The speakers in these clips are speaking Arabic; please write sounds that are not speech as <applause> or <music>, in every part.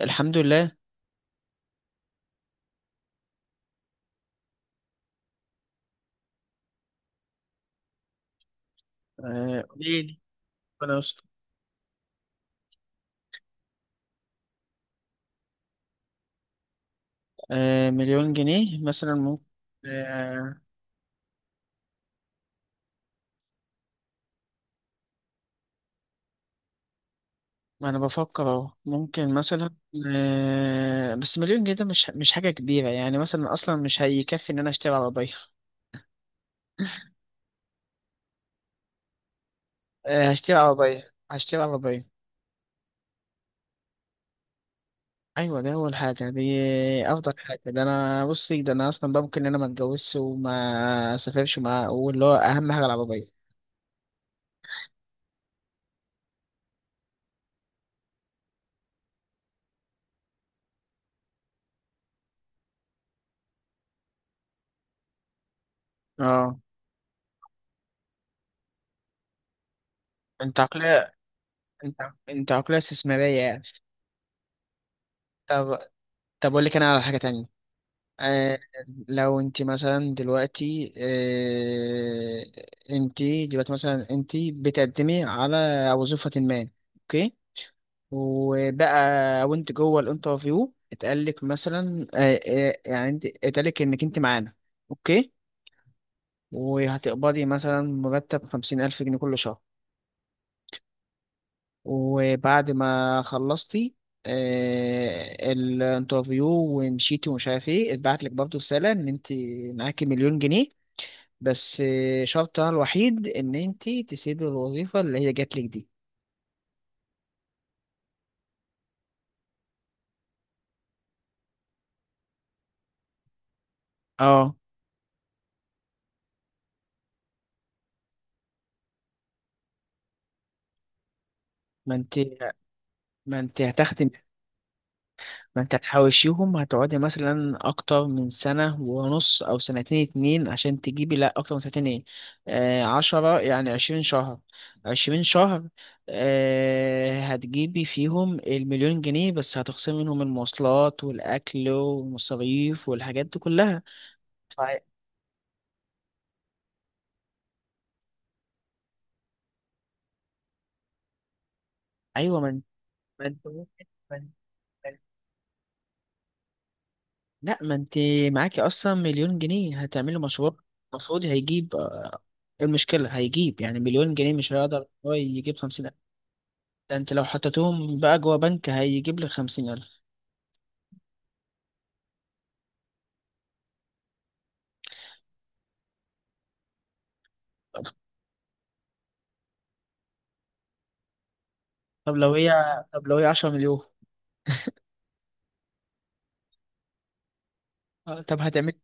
الحمد لله. قليل. ربنا يستر. مليون جنيه مثلا ممكن. آه، ما انا بفكر اهو، ممكن مثلا. بس مليون جنيه ده مش حاجة كبيرة، يعني مثلا اصلا مش هيكفي ان انا اشتري عربية. هشتري عربية. ايوه، ده اول حاجة دي. افضل حاجة، ده انا، بصي، ده انا اصلا بقى ممكن ان انا ما اتجوزش وما اسافرش وما، واللي هو اهم حاجة العربية. اه، انت عقلية، انت انت عقلية استثمارية يعني. طب طب اقول لك انا على حاجة تانية. آه، لو انت مثلا دلوقتي، انت دلوقتي مثلا، انت بتقدمي على وظيفة ما، اوكي، وبقى وانت جوه الانترفيو، اتقالك مثلا يعني انت اتقالك انك انت معانا، اوكي، وهتقبضي مثلا مرتب 50 ألف جنيه كل شهر. وبعد ما خلصتي الانترفيو ومشيتي ومش عارف ايه، اتبعت لك برضه رسالة ان انت معاكي مليون جنيه، بس شرطها الوحيد ان انت تسيبي الوظيفه اللي هي جاتلك دي. اه، ما انت ما انت هتخدم، ما انت هتحوشيهم، هتقعدي مثلا اكتر من سنة ونص او سنتين اتنين عشان تجيبي، لا اكتر من سنتين ايه، آه عشرة يعني 20 شهر، 20 شهر، آه هتجيبي فيهم المليون جنيه، بس هتخصمي منهم المواصلات والاكل والمصاريف والحاجات دي كلها. ف- ايوه، من، لا، ما انت معاكي اصلا مليون جنيه هتعملي مشروع المفروض هيجيب، المشكلة، هيجيب يعني مليون جنيه مش هيقدر هو يجيب 50 ألف. ده انت لو حطيتهم بقى جوا بنك هيجيب لك 50 ألف. طب طب لو هي 10 مليون. آه، طب هتعملي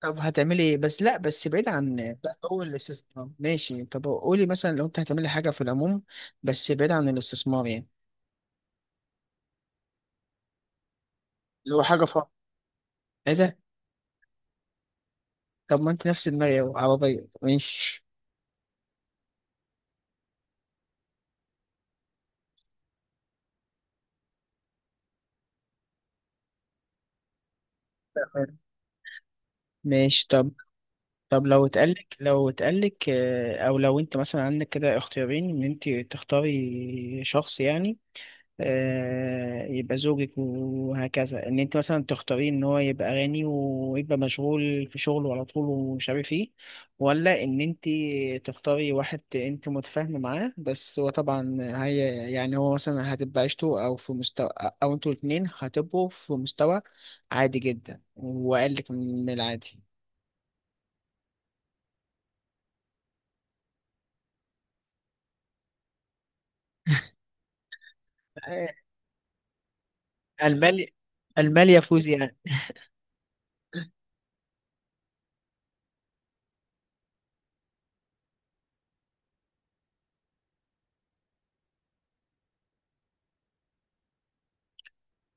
طب هتعملي ايه؟ بس لا، بس بعيد عن بقى هو الاستثمار، ماشي، طب قولي مثلا لو انت هتعملي حاجة في العموم، بس بعيد عن الاستثمار يعني، اللي هو حاجة فقط. ايه ده؟ طب ما انت نفس دماغي عربية، ماشي، تمام. ماشي، طب، طب لو اتقالك او لو انت مثلا عندك كده اختيارين ان انت تختاري شخص يعني، يبقى زوجك وهكذا، ان انت مثلا تختاري ان هو يبقى غني ويبقى مشغول في شغله على طول ومش عارف ايه، ولا ان انت تختاري واحد انت متفاهمه معاه، بس هو طبعا، هي يعني، هو مثلا هتبقى عيشته، او في مستوى، او انتوا الاتنين هتبقوا في مستوى عادي جدا وقالك من العادي. المال المال يفوز يعني؟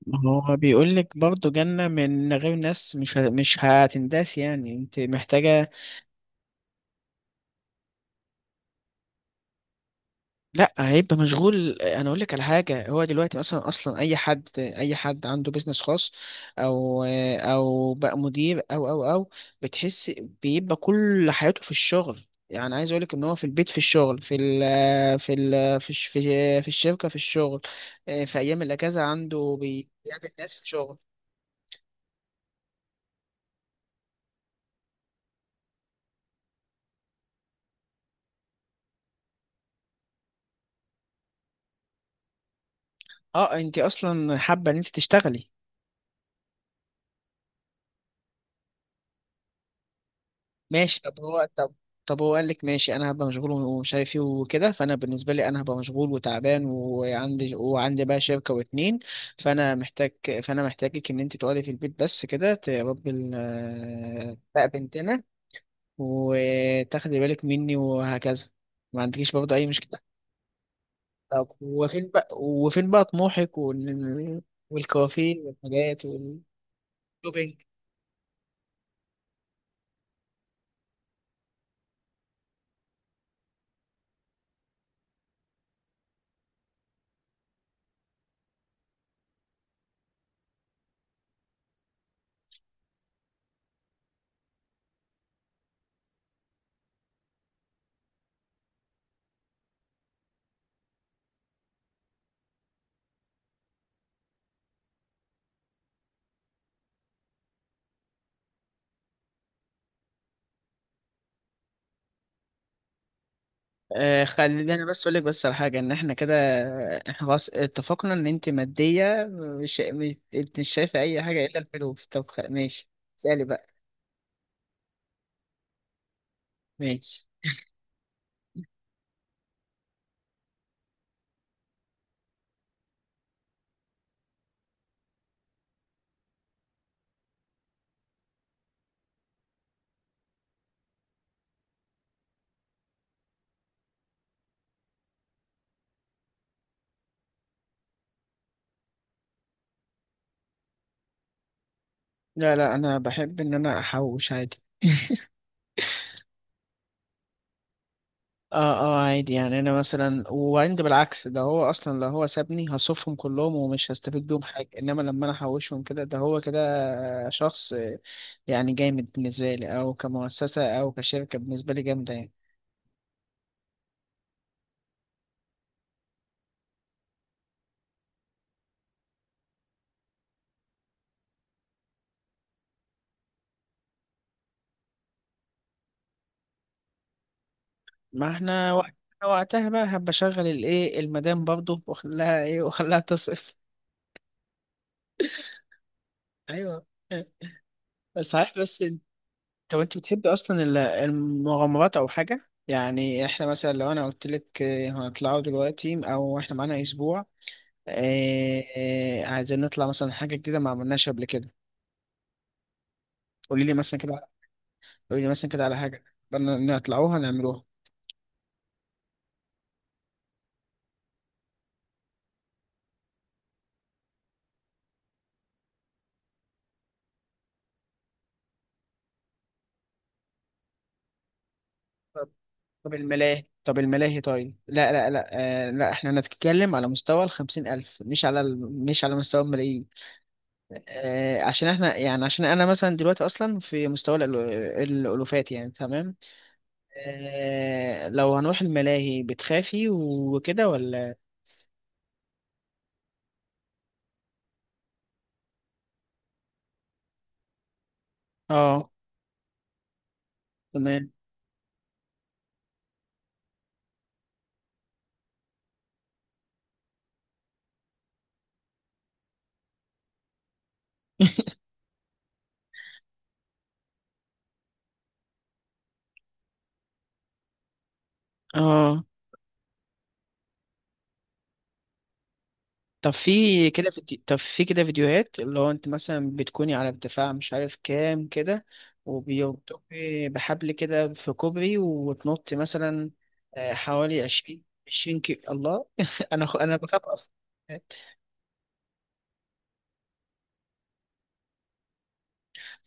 ما هو بيقول لك برضه جنة من غير ناس مش هتنداس، يعني انت محتاجة. لا، هيبقى مشغول. انا اقول لك على حاجة، هو دلوقتي مثلا اصلا، اي حد عنده بيزنس خاص، او او بقى مدير، او، بتحس بيبقى كل حياته في الشغل. يعني عايز اقول لك ان هو في البيت في الشغل، في الشركة في الشغل، في ايام الاجازة عنده بيقابل ناس في الشغل. اه، انت اصلا حابه ان انت تشتغلي؟ ماشي، طب هو قال لك ماشي، انا هبقى مشغول ومش عارف ايه وكده، فانا بالنسبه لي انا هبقى مشغول وتعبان، وعندي بقى شركه واتنين، فانا محتاج فانا محتاجك ان انت تقعدي في البيت بس كده، تربي بقى بنتنا، وتاخدي بالك مني، وهكذا. ما عندكيش برضه اي مشكله؟ طب وفين بقى طموحك والكوافير والحاجات والشوبينج؟ خليني انا بس اقول لك بس على حاجه، ان احنا كده، احنا خلاص اتفقنا ان انت ماديه، مش انت مش شايفه اي حاجه الا الفلوس، طب ماشي، اسالي بقى. ماشي، لا لا، انا بحب ان انا احوش عادي. اه اه، عادي، يعني انا مثلا، وعندي بالعكس، ده هو اصلا لو هو سابني هصرفهم كلهم ومش هستفيد بيهم حاجه، انما لما انا احوشهم كده، ده هو كده شخص يعني جامد بالنسبه لي، او كمؤسسه او كشركه بالنسبه لي جامده يعني. ما احنا وقتها بقى هبقى اشغل الايه المدام برضه، واخليها ايه، واخليها تصرف. ايوه، صحيح، بس طب انت بتحبي اصلا المغامرات او حاجه، يعني احنا مثلا لو انا قلت لك هنطلعوا دلوقتي، او احنا معانا اسبوع، عايزين نطلع مثلا حاجه جديده ما عملناش قبل كده، قولي لي مثلا كده، قولي لي مثلا كده على حاجه بدنا نطلعوها نعملوها. طب الملاهي طيب، لا لا لا، لا، احنا هنتكلم على مستوى الخمسين ألف، مش على مستوى الملايين. عشان احنا يعني، عشان انا مثلا دلوقتي اصلا في مستوى الألوفات يعني، تمام، لو هنروح الملاهي بتخافي وكده ولا؟ اه، تمام. <laughs> اه، طب في كده فيديوهات، اللي هو انت مثلا بتكوني على ارتفاع مش عارف كام كده، وبتقفي بحبل كده في كوبري وتنطي مثلا حوالي عشرين كيلو. الله. <laughs> انا بخاف اصلا.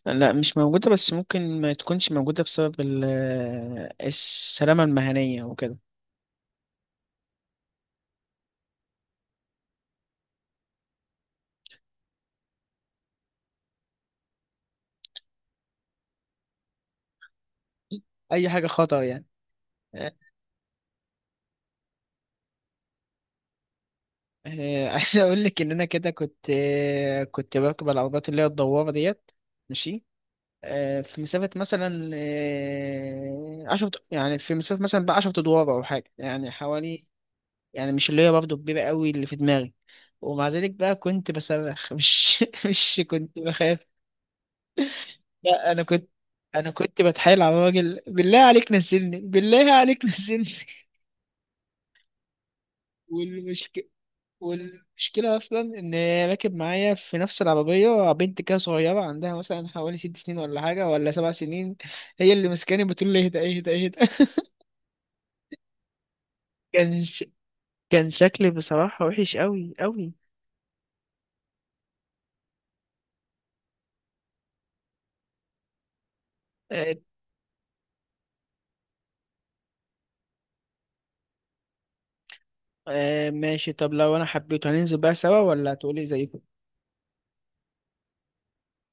لا، مش موجودة بس ممكن ما تكونش موجودة بسبب السلامة المهنية وكده. أي حاجة خطر يعني. <laughs> عايز أقول لك إن أنا كده كنت، كنت بركب العربيات اللي هي الدوارة ديت. ماشي، في مسافة مثلا عشرة يعني، في مسافة مثلا بقى 10 أدوار أو حاجة، يعني حوالي، يعني مش اللي هي برضه كبيرة قوي اللي في دماغي، ومع ذلك بقى كنت بصرخ. <laughs> مش كنت بخاف. لا، أنا كنت بتحايل على الراجل، بالله عليك نزلني، بالله عليك نزلني. <laughs> والمشكلة والمشكلة أصلا إن هي راكب معايا في نفس العربية بنت كده صغيرة عندها مثلا حوالي 6 سنين ولا حاجة، ولا 7 سنين، هي اللي مسكاني بتقول لي اهدى اهدى اهدى. كان ش... كان شكلي بصراحة وحش قوي قوي. آه ماشي، طب لو انا حبيته هننزل بقى سوا، ولا هتقولي زي؟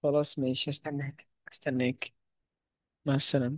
خلاص ماشي، هستناك هستناك. مع السلامة.